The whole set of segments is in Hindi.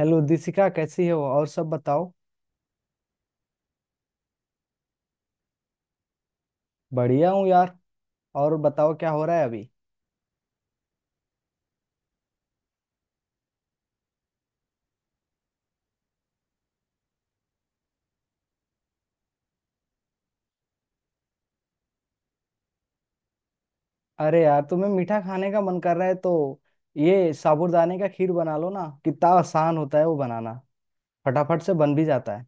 हेलो दिशिका, कैसी हो? और सब बताओ। बढ़िया हूँ यार। और बताओ क्या हो रहा है अभी। अरे यार, तुम्हें मीठा खाने का मन कर रहा है तो ये साबूदाने का खीर बना लो ना। कितना आसान होता है वो बनाना। फटाफट से बन भी जाता है।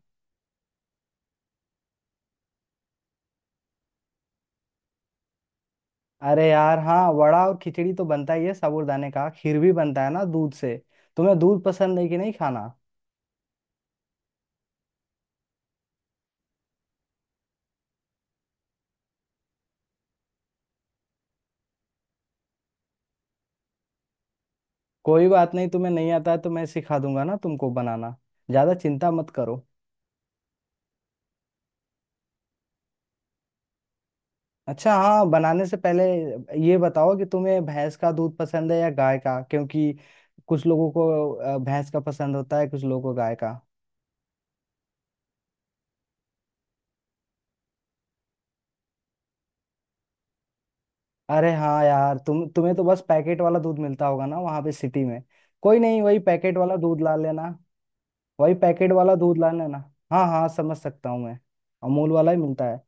अरे यार हाँ, वड़ा और खिचड़ी तो बनता ही है, साबूदाने का खीर भी बनता है ना दूध से। तुम्हें दूध पसंद है कि नहीं खाना? कोई बात नहीं, तुम्हें नहीं आता है तो मैं सिखा दूंगा ना तुमको बनाना। ज्यादा चिंता मत करो। अच्छा हाँ, बनाने से पहले ये बताओ कि तुम्हें भैंस का दूध पसंद है या गाय का, क्योंकि कुछ लोगों को भैंस का पसंद होता है, कुछ लोगों को गाय का। अरे हाँ यार, तुम्हें तो बस पैकेट वाला दूध मिलता होगा ना वहां पे सिटी में। कोई नहीं, वही पैकेट वाला दूध ला लेना। वही पैकेट वाला दूध ला लेना। हाँ हाँ, समझ सकता हूँ मैं। अमूल वाला ही मिलता है।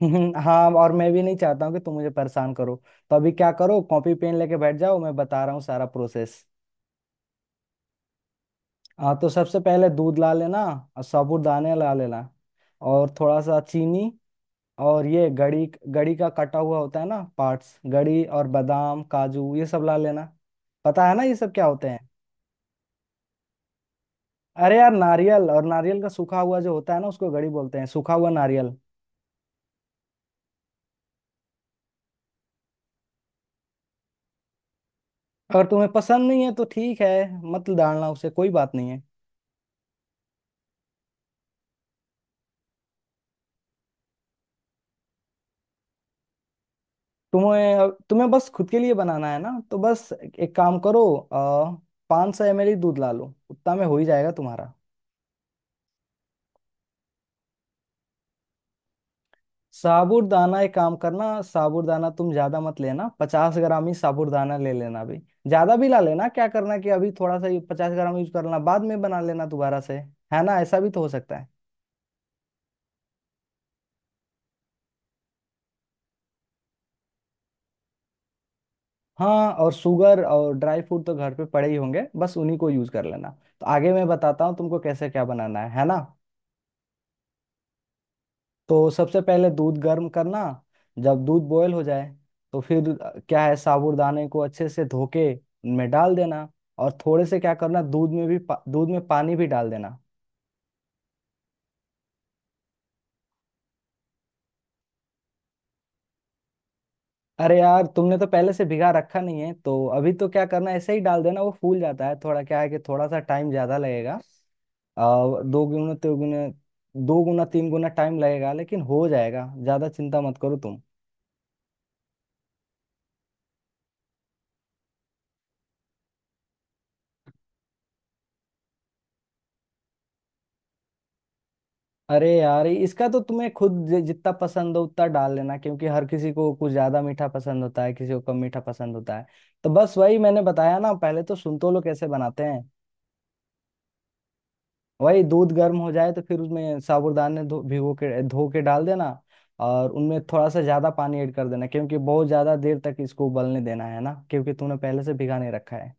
हाँ, और मैं भी नहीं चाहता हूँ कि तुम मुझे परेशान करो। तो अभी क्या करो, कॉपी पेन लेके बैठ जाओ, मैं बता रहा हूँ सारा प्रोसेस। हाँ तो सबसे पहले दूध ला लेना। और साबूदाने ला लेना। और थोड़ा सा चीनी। और ये गड़ी। गड़ी का कटा हुआ होता है ना पार्ट्स, गड़ी और बादाम काजू ये सब ला लेना। पता है ना ये सब क्या होते हैं? अरे यार, नारियल, और नारियल का सूखा हुआ जो होता है ना उसको गड़ी बोलते हैं, सूखा हुआ नारियल। अगर तुम्हें पसंद नहीं है तो ठीक है, मत डालना उसे, कोई बात नहीं है। तुम्हें तुम्हें बस खुद के लिए बनाना है ना, तो बस एक काम करो, 500 ml दूध ला लो, उतना में हो ही जाएगा तुम्हारा। साबूदाना एक काम करना, साबूदाना तुम ज्यादा मत लेना, 50 ग्राम ही साबूदाना ले लेना अभी। ज्यादा भी ला लेना क्या करना, कि अभी थोड़ा सा 50 ग्राम यूज कर लेना, बाद में बना लेना दोबारा से। है ना, ऐसा भी तो हो सकता है। हाँ, और शुगर और ड्राई फ्रूट तो घर पे पड़े ही होंगे, बस उन्हीं को यूज कर लेना। तो आगे मैं बताता हूँ तुमको कैसे क्या बनाना है ना। तो सबसे पहले दूध गर्म करना। जब दूध बॉयल हो जाए तो फिर क्या है, साबूदाने को अच्छे से धो के में डाल देना। और थोड़े से क्या करना, दूध में भी दूध में पानी भी डाल देना। अरे यार, तुमने तो पहले से भिगा रखा नहीं है तो अभी तो क्या करना, ऐसे ही डाल देना, वो फूल जाता है थोड़ा, क्या है कि थोड़ा सा टाइम ज्यादा लगेगा। अ, दो गुना तीन गुना, दो गुना तीन गुना टाइम लगेगा, लेकिन हो जाएगा, ज्यादा चिंता मत करो तुम। अरे यार, इसका तो तुम्हें खुद जितना पसंद हो उतना डाल लेना, क्योंकि हर किसी को कुछ ज्यादा मीठा पसंद होता है, किसी को कम मीठा पसंद होता है। तो बस वही मैंने बताया ना, पहले तो संतोलो कैसे बनाते हैं। वही दूध गर्म हो जाए तो फिर उसमें साबूदाने धो भिगो के धो के डाल देना। और उनमें थोड़ा सा ज्यादा पानी ऐड कर देना क्योंकि बहुत ज्यादा देर तक इसको उबलने देना है ना, क्योंकि तुमने पहले से भिगा नहीं रखा है।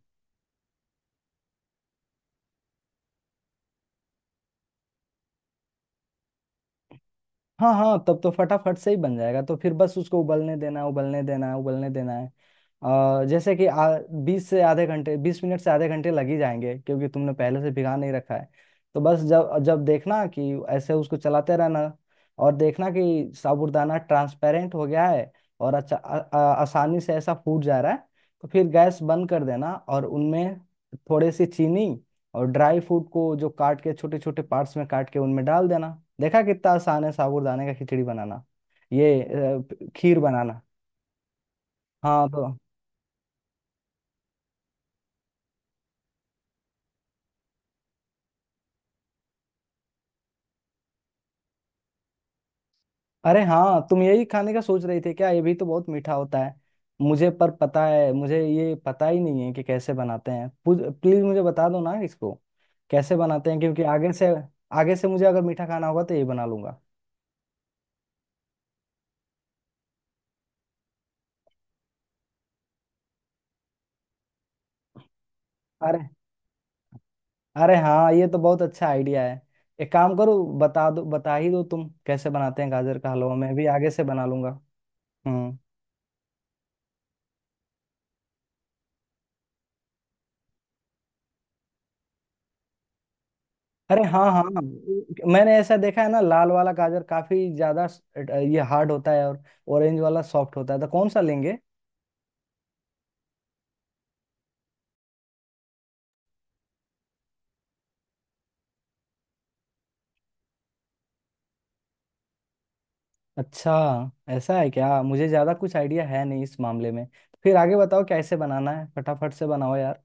हाँ हाँ, तब तो फटाफट से ही बन जाएगा, तो फिर बस उसको उबलने देना है उबलने देना है उबलने देना है। जैसे कि बीस से आधे घंटे, 20 मिनट से आधे घंटे लग ही जाएंगे, क्योंकि तुमने पहले से भिगा नहीं रखा है। तो बस जब जब देखना कि ऐसे उसको चलाते रहना, और देखना कि साबूदाना ट्रांसपेरेंट हो गया है, और अच्छा आ, आ, आसानी से ऐसा फूट जा रहा है, तो फिर गैस बंद कर देना और उनमें थोड़ी सी चीनी और ड्राई फ्रूट को जो काट के छोटे छोटे पार्ट्स में काट के उनमें डाल देना। देखा कितना आसान है साबूदाने का खिचड़ी बनाना, ये खीर बनाना। हाँ तो अरे हाँ, तुम यही खाने का सोच रही थी क्या, ये भी तो बहुत मीठा होता है। मुझे पर पता है, मुझे ये पता ही नहीं है कि कैसे बनाते हैं, प्लीज मुझे बता दो ना इसको कैसे बनाते हैं, क्योंकि आगे से मुझे अगर मीठा खाना होगा तो यही बना लूंगा। अरे, अरे हाँ, ये तो बहुत अच्छा आइडिया है। एक काम करो, बता दो, बता ही दो तुम कैसे बनाते हैं गाजर का हलवा, मैं भी आगे से बना लूंगा। हम्म। अरे हाँ हाँ, मैंने ऐसा देखा है ना, लाल वाला गाजर काफी ज्यादा ये हार्ड होता है, और ऑरेंज वाला सॉफ्ट होता है, तो कौन सा लेंगे? अच्छा, ऐसा है क्या, मुझे ज्यादा कुछ आइडिया है नहीं इस मामले में। फिर आगे बताओ कैसे बनाना है, फटाफट से बनाओ यार।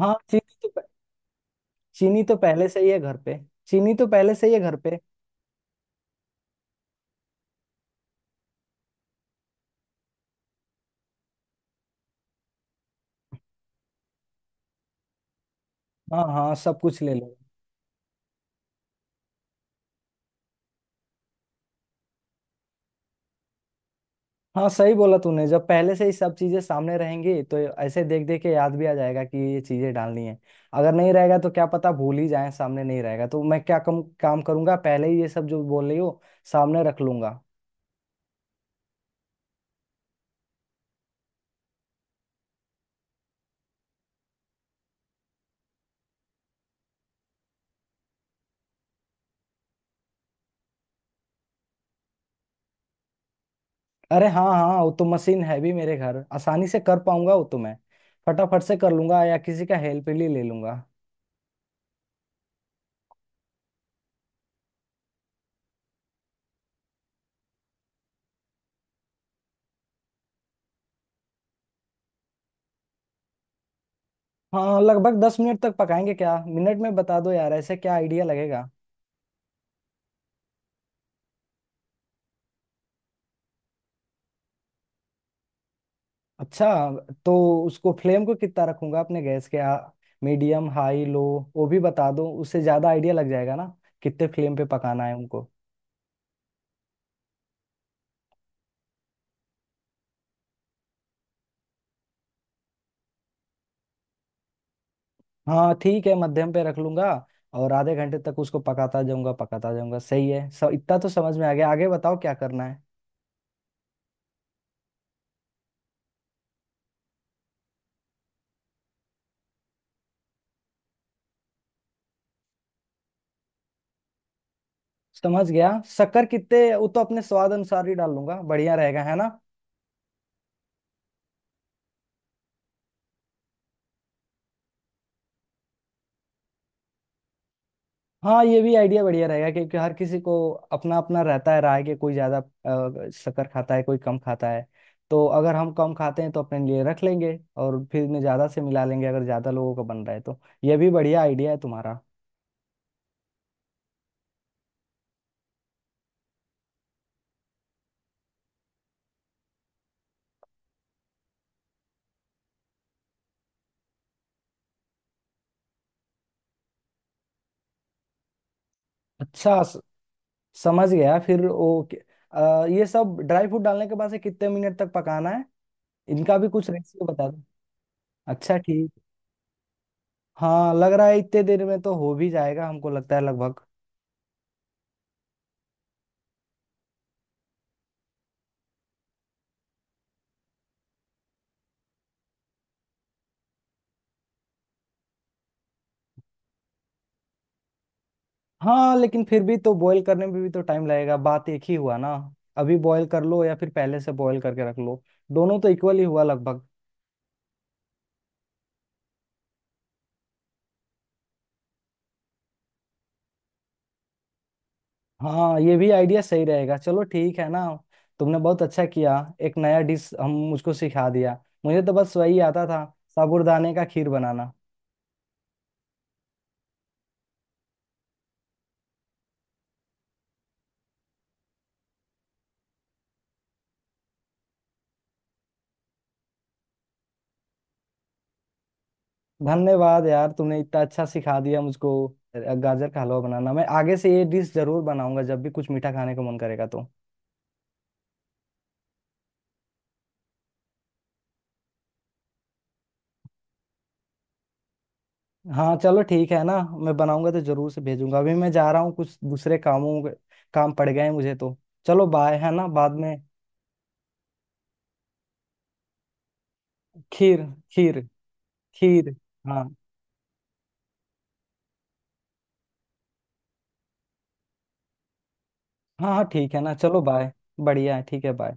हाँ, चीनी तो पहले से ही है घर पे। चीनी तो पहले से ही है घर पे। हाँ हाँ, सब कुछ ले लो। हाँ, सही बोला तूने, जब पहले से ही सब चीजें सामने रहेंगी तो ऐसे देख देख के याद भी आ जाएगा कि ये चीजें डालनी है। अगर नहीं रहेगा तो क्या पता भूल ही जाए, सामने नहीं रहेगा तो मैं क्या कम काम करूंगा, पहले ही ये सब जो बोल रही हो सामने रख लूंगा। अरे हाँ हाँ, वो तो मशीन है भी मेरे घर, आसानी से कर पाऊंगा वो तो, मैं फटाफट से कर लूंगा या किसी का हेल्प भी ले लूंगा। हाँ लगभग 10 मिनट तक पकाएंगे क्या, मिनट में बता दो यार, ऐसे क्या आइडिया लगेगा। अच्छा, तो उसको फ्लेम को कितना रखूंगा अपने गैस के, मीडियम हाई लो, वो भी बता दो, उससे ज्यादा आइडिया लग जाएगा ना, कितने फ्लेम पे पकाना है उनको। हाँ ठीक है, मध्यम पे रख लूंगा। और आधे घंटे तक उसको पकाता जाऊंगा पकाता जाऊंगा, सही है सब, इतना तो समझ में आ गया, आगे बताओ क्या करना है। समझ गया। शक्कर कितने, वो तो अपने स्वाद अनुसार ही डाल लूंगा, बढ़िया रहेगा है ना। हाँ ये भी आइडिया बढ़िया रहेगा, क्योंकि हर किसी को अपना अपना रहता है राय, कि कोई ज्यादा शक्कर खाता है, कोई कम खाता है। तो अगर हम कम खाते हैं तो अपने लिए रख लेंगे और फिर में ज्यादा से मिला लेंगे, अगर ज्यादा लोगों का बन रहा है तो। ये भी बढ़िया आइडिया है तुम्हारा। अच्छा, समझ गया। फिर वो ये सब ड्राई फ्रूट डालने के बाद से कितने मिनट तक पकाना है, इनका भी कुछ रेसिपी बता दो। अच्छा ठीक। हाँ लग रहा है इतने देर में तो हो भी जाएगा हमको लगता है लगभग। हाँ लेकिन फिर भी तो बॉईल करने में भी तो टाइम लगेगा, बात एक ही हुआ ना। अभी बॉईल कर लो या फिर पहले से बॉईल करके रख लो, दोनों तो इक्वल ही हुआ लगभग। हाँ ये भी आइडिया सही रहेगा, चलो ठीक है ना। तुमने बहुत अच्छा किया, एक नया डिश हम मुझको सिखा दिया। मुझे तो बस वही आता था, साबूदाने का खीर बनाना। धन्यवाद यार, तुमने इतना अच्छा सिखा दिया मुझको गाजर का हलवा बनाना। मैं आगे से ये डिश जरूर बनाऊंगा जब भी कुछ मीठा खाने का मन करेगा तो। हाँ चलो ठीक है ना, मैं बनाऊंगा तो जरूर से भेजूंगा, अभी मैं जा रहा हूँ कुछ दूसरे काम पड़ गए हैं मुझे तो। चलो बाय, है ना, बाद में। खीर। खीर। खीर। हाँ। हाँ हाँ ठीक है ना चलो बाय। बढ़िया है, ठीक है, बाय।